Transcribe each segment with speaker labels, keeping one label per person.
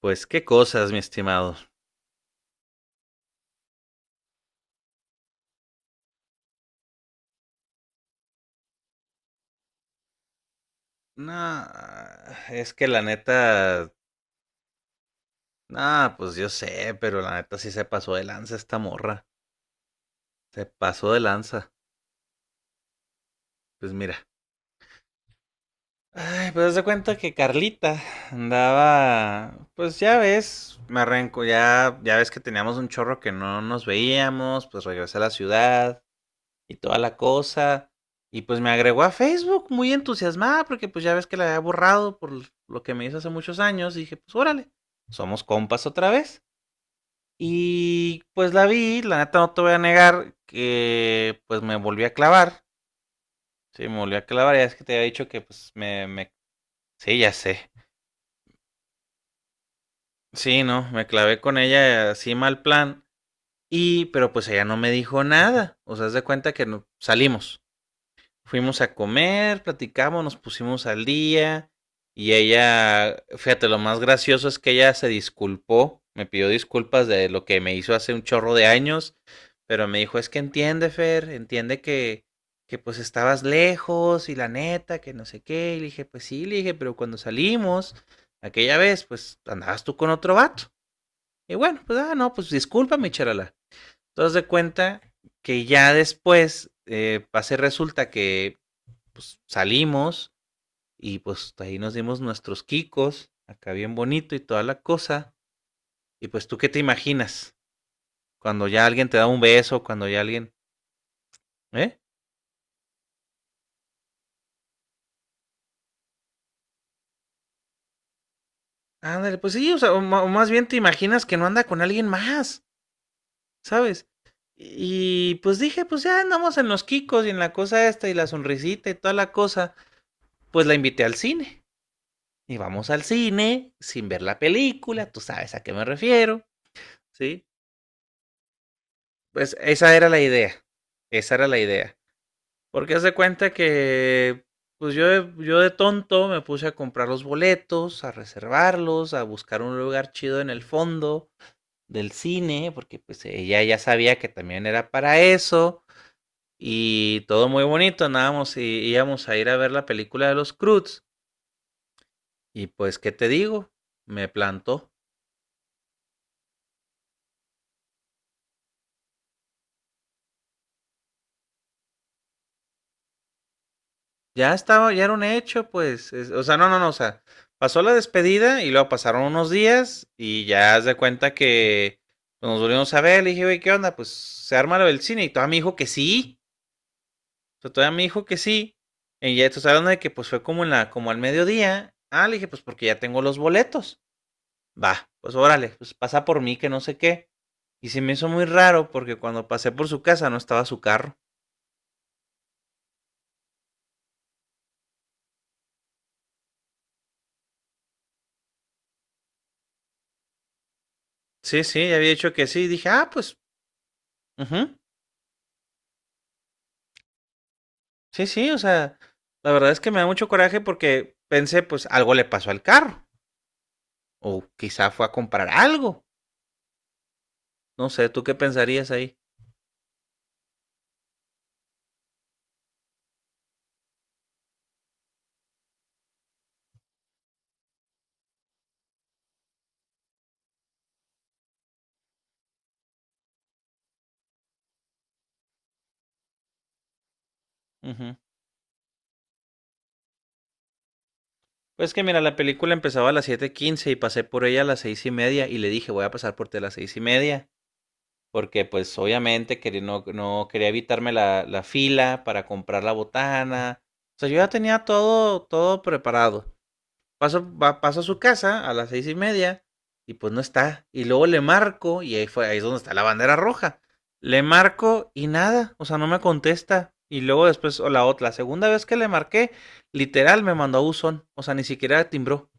Speaker 1: Pues qué cosas, mi estimado. No, es que la neta, no, pues yo sé, pero la neta sí se pasó de lanza esta morra. Se pasó de lanza. Pues mira. Ay, pues haz de cuenta que Carlita andaba, pues ya ves, me arranco, ya ves que teníamos un chorro que no nos veíamos, pues regresé a la ciudad, y toda la cosa. Y pues me agregó a Facebook muy entusiasmada porque pues ya ves que la había borrado por lo que me hizo hace muchos años. Y dije, pues órale, somos compas otra vez. Y pues la vi, la neta no te voy a negar que pues me volví a clavar. Sí, me volví a clavar, ya es que te había dicho que pues Sí, ya sé. Sí, no, me clavé con ella así mal plan. Y, pero pues ella no me dijo nada. O sea, haz de cuenta que no, salimos. Fuimos a comer, platicamos, nos pusimos al día y ella, fíjate, lo más gracioso es que ella se disculpó, me pidió disculpas de lo que me hizo hace un chorro de años, pero me dijo, es que entiende, Fer, entiende que pues estabas lejos y la neta, que no sé qué, y le dije, pues sí, le dije, pero cuando salimos aquella vez, pues andabas tú con otro vato. Y bueno, pues ah, no, pues discúlpame, charala. Entonces de cuenta que ya después pase resulta que pues salimos y pues ahí nos dimos nuestros quicos, acá bien bonito y toda la cosa. Y pues tú qué te imaginas cuando ya alguien te da un beso, cuando ya alguien, ¿eh? Ándale, pues sí, o sea, o más bien te imaginas que no anda con alguien más, ¿sabes? Y pues dije, pues ya andamos en los quicos y en la cosa esta y la sonrisita y toda la cosa, pues la invité al cine. Y vamos al cine sin ver la película, tú sabes a qué me refiero, ¿sí? Pues esa era la idea, esa era la idea. Porque haz de cuenta que, pues yo, yo de tonto me puse a comprar los boletos, a reservarlos, a buscar un lugar chido en el fondo del cine, porque pues ella ya sabía que también era para eso. Y todo muy bonito, andábamos y íbamos a ir a ver la película de los Croods. Y pues, ¿qué te digo? Me plantó. Ya estaba, ya era un hecho, pues. O sea, no, o sea, pasó la despedida y luego pasaron unos días y ya haz de cuenta que pues, nos volvimos a ver. Le dije, güey, ¿qué onda? Pues se arma lo del cine y todavía me dijo que sí. O sea, todavía me dijo que sí. Y ya estás hablando de que pues fue como en la, como al mediodía. Ah, le dije, pues porque ya tengo los boletos. Va, pues órale, pues pasa por mí que no sé qué. Y se me hizo muy raro porque cuando pasé por su casa no estaba su carro. Sí, ya había dicho que sí. Dije, ah, pues, ujú. Sí, o sea, la verdad es que me da mucho coraje porque pensé, pues algo le pasó al carro. O quizá fue a comprar algo. No sé, ¿tú qué pensarías ahí? Ujú. Pues que mira, la película empezaba a las 7:15 y pasé por ella a las 6:30 y le dije, voy a pasar por ti a las 6:30. Porque pues obviamente quería, no, no quería evitarme la fila para comprar la botana. O sea, yo ya tenía todo, todo preparado. Paso, va, paso a su casa a las 6:30 y pues no está. Y luego le marco y ahí, fue, ahí es donde está la bandera roja. Le marco y nada, o sea, no me contesta. Y luego después, o la otra, la segunda vez que le marqué, literal me mandó a buzón, o sea, ni siquiera timbró.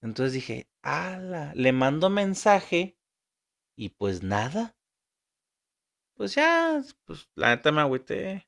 Speaker 1: Entonces dije, ala, le mando mensaje y pues nada. Pues ya, pues la neta me agüité.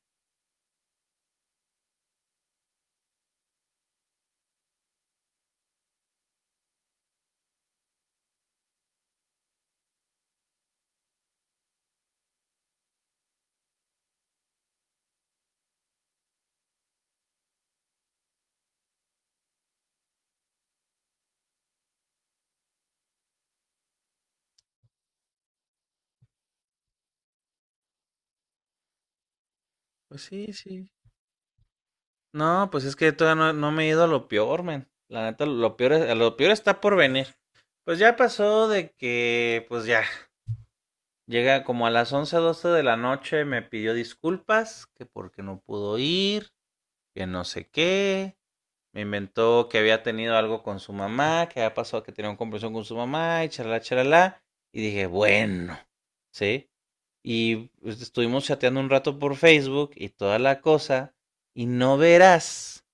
Speaker 1: Pues sí, sí. No, pues es que todavía no, no me he ido a lo peor, men. La neta, lo peor, lo peor está por venir. Pues ya pasó de que, pues ya, llega como a las 11, 12 de la noche, me pidió disculpas, que porque no pudo ir, que no sé qué. Me inventó que había tenido algo con su mamá, que había pasado que tenía una conversación con su mamá y charla, charla. Y dije, bueno, ¿sí? Y pues, estuvimos chateando un rato por Facebook y toda la cosa. Y no verás,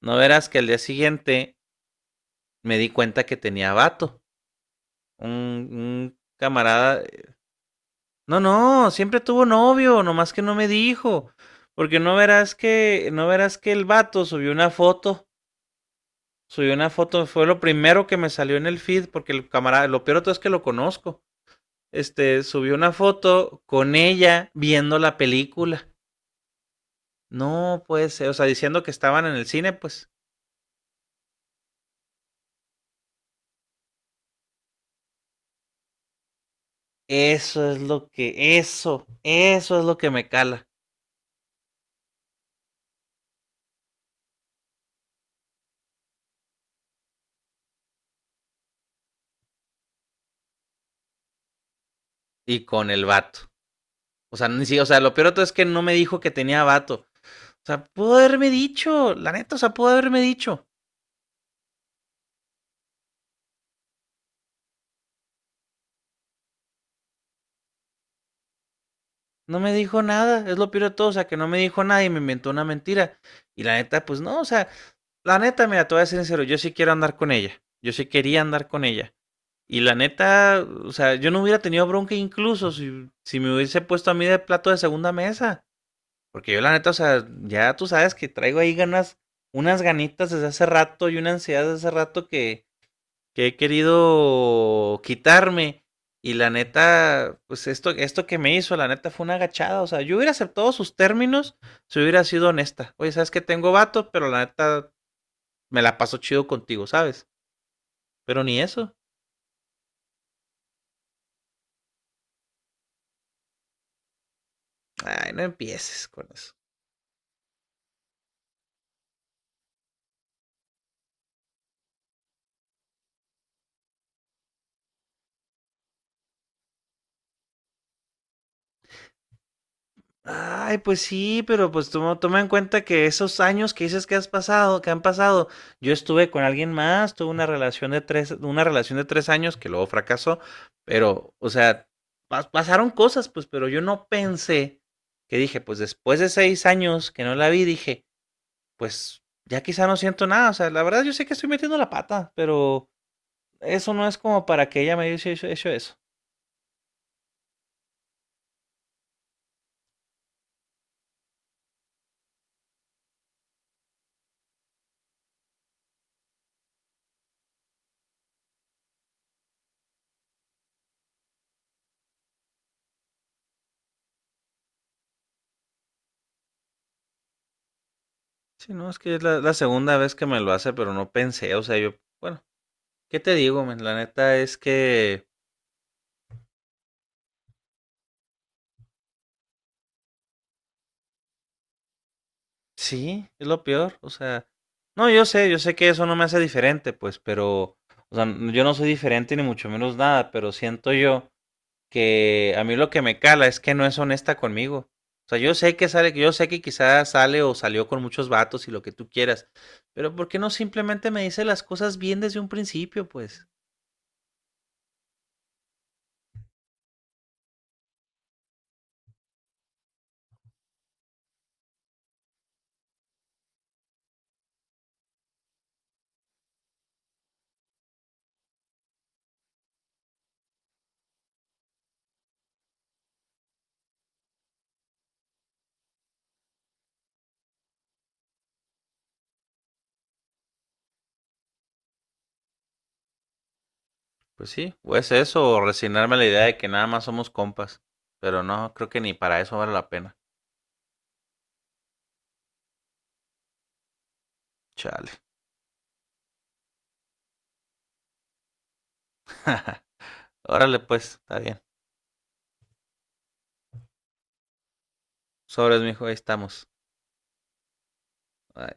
Speaker 1: no verás que al día siguiente me di cuenta que tenía vato. Un camarada. No, no, siempre tuvo novio, nomás que no me dijo, porque no verás que, no verás que el vato subió una foto, fue lo primero que me salió en el feed, porque el camarada, lo peor de todo es que lo conozco, este, subió una foto con ella viendo la película, no puede ser, o sea, diciendo que estaban en el cine, pues, eso es lo que, eso es lo que me cala, y con el vato, o sea, ni si- o sea, lo peor de todo es que no me dijo que tenía vato. O sea, pudo haberme dicho, la neta, o sea, pudo haberme dicho. No me dijo nada, es lo peor de todo, o sea, que no me dijo nada y me inventó una mentira. Y la neta, pues no, o sea, la neta, mira, te voy a ser sincero, yo sí quiero andar con ella, yo sí quería andar con ella. Y la neta, o sea, yo no hubiera tenido bronca incluso si me hubiese puesto a mí de plato de segunda mesa. Porque yo la neta, o sea, ya tú sabes que traigo ahí ganas, unas ganitas desde hace rato y una ansiedad desde hace rato que he querido quitarme. Y la neta, pues esto que me hizo, la neta fue una agachada. O sea, yo hubiera aceptado sus términos si hubiera sido honesta. Oye, sabes que tengo vato, pero la neta me la paso chido contigo, ¿sabes? Pero ni eso. Ay, no empieces con eso. Ay, pues sí, pero pues toma, toma en cuenta que esos años que dices que has pasado, que han pasado, yo estuve con alguien más, tuve una relación de tres, una relación de 3 años que luego fracasó, pero, o sea, pasaron cosas, pues, pero yo no pensé que dije, pues después de 6 años que no la vi, dije, pues ya quizá no siento nada, o sea, la verdad yo sé que estoy metiendo la pata, pero eso no es como para que ella me haya hecho eso. Sí, no, es que es la, la segunda vez que me lo hace, pero no pensé, o sea, yo, bueno. ¿Qué te digo, men? La neta es que sí, es lo peor. O sea, no, yo sé que eso no me hace diferente, pues, pero, o sea, yo no soy diferente ni mucho menos nada, pero siento yo que a mí lo que me cala es que no es honesta conmigo. O sea, yo sé que sale, yo sé que quizás sale o salió con muchos vatos y lo que tú quieras, pero ¿por qué no simplemente me dice las cosas bien desde un principio, pues? Pues sí, o es eso, o resignarme a la idea de que nada más somos compas. Pero no, creo que ni para eso vale la pena. Chale. Órale, pues, está bien. Sobres, mijo, ahí estamos. Ay.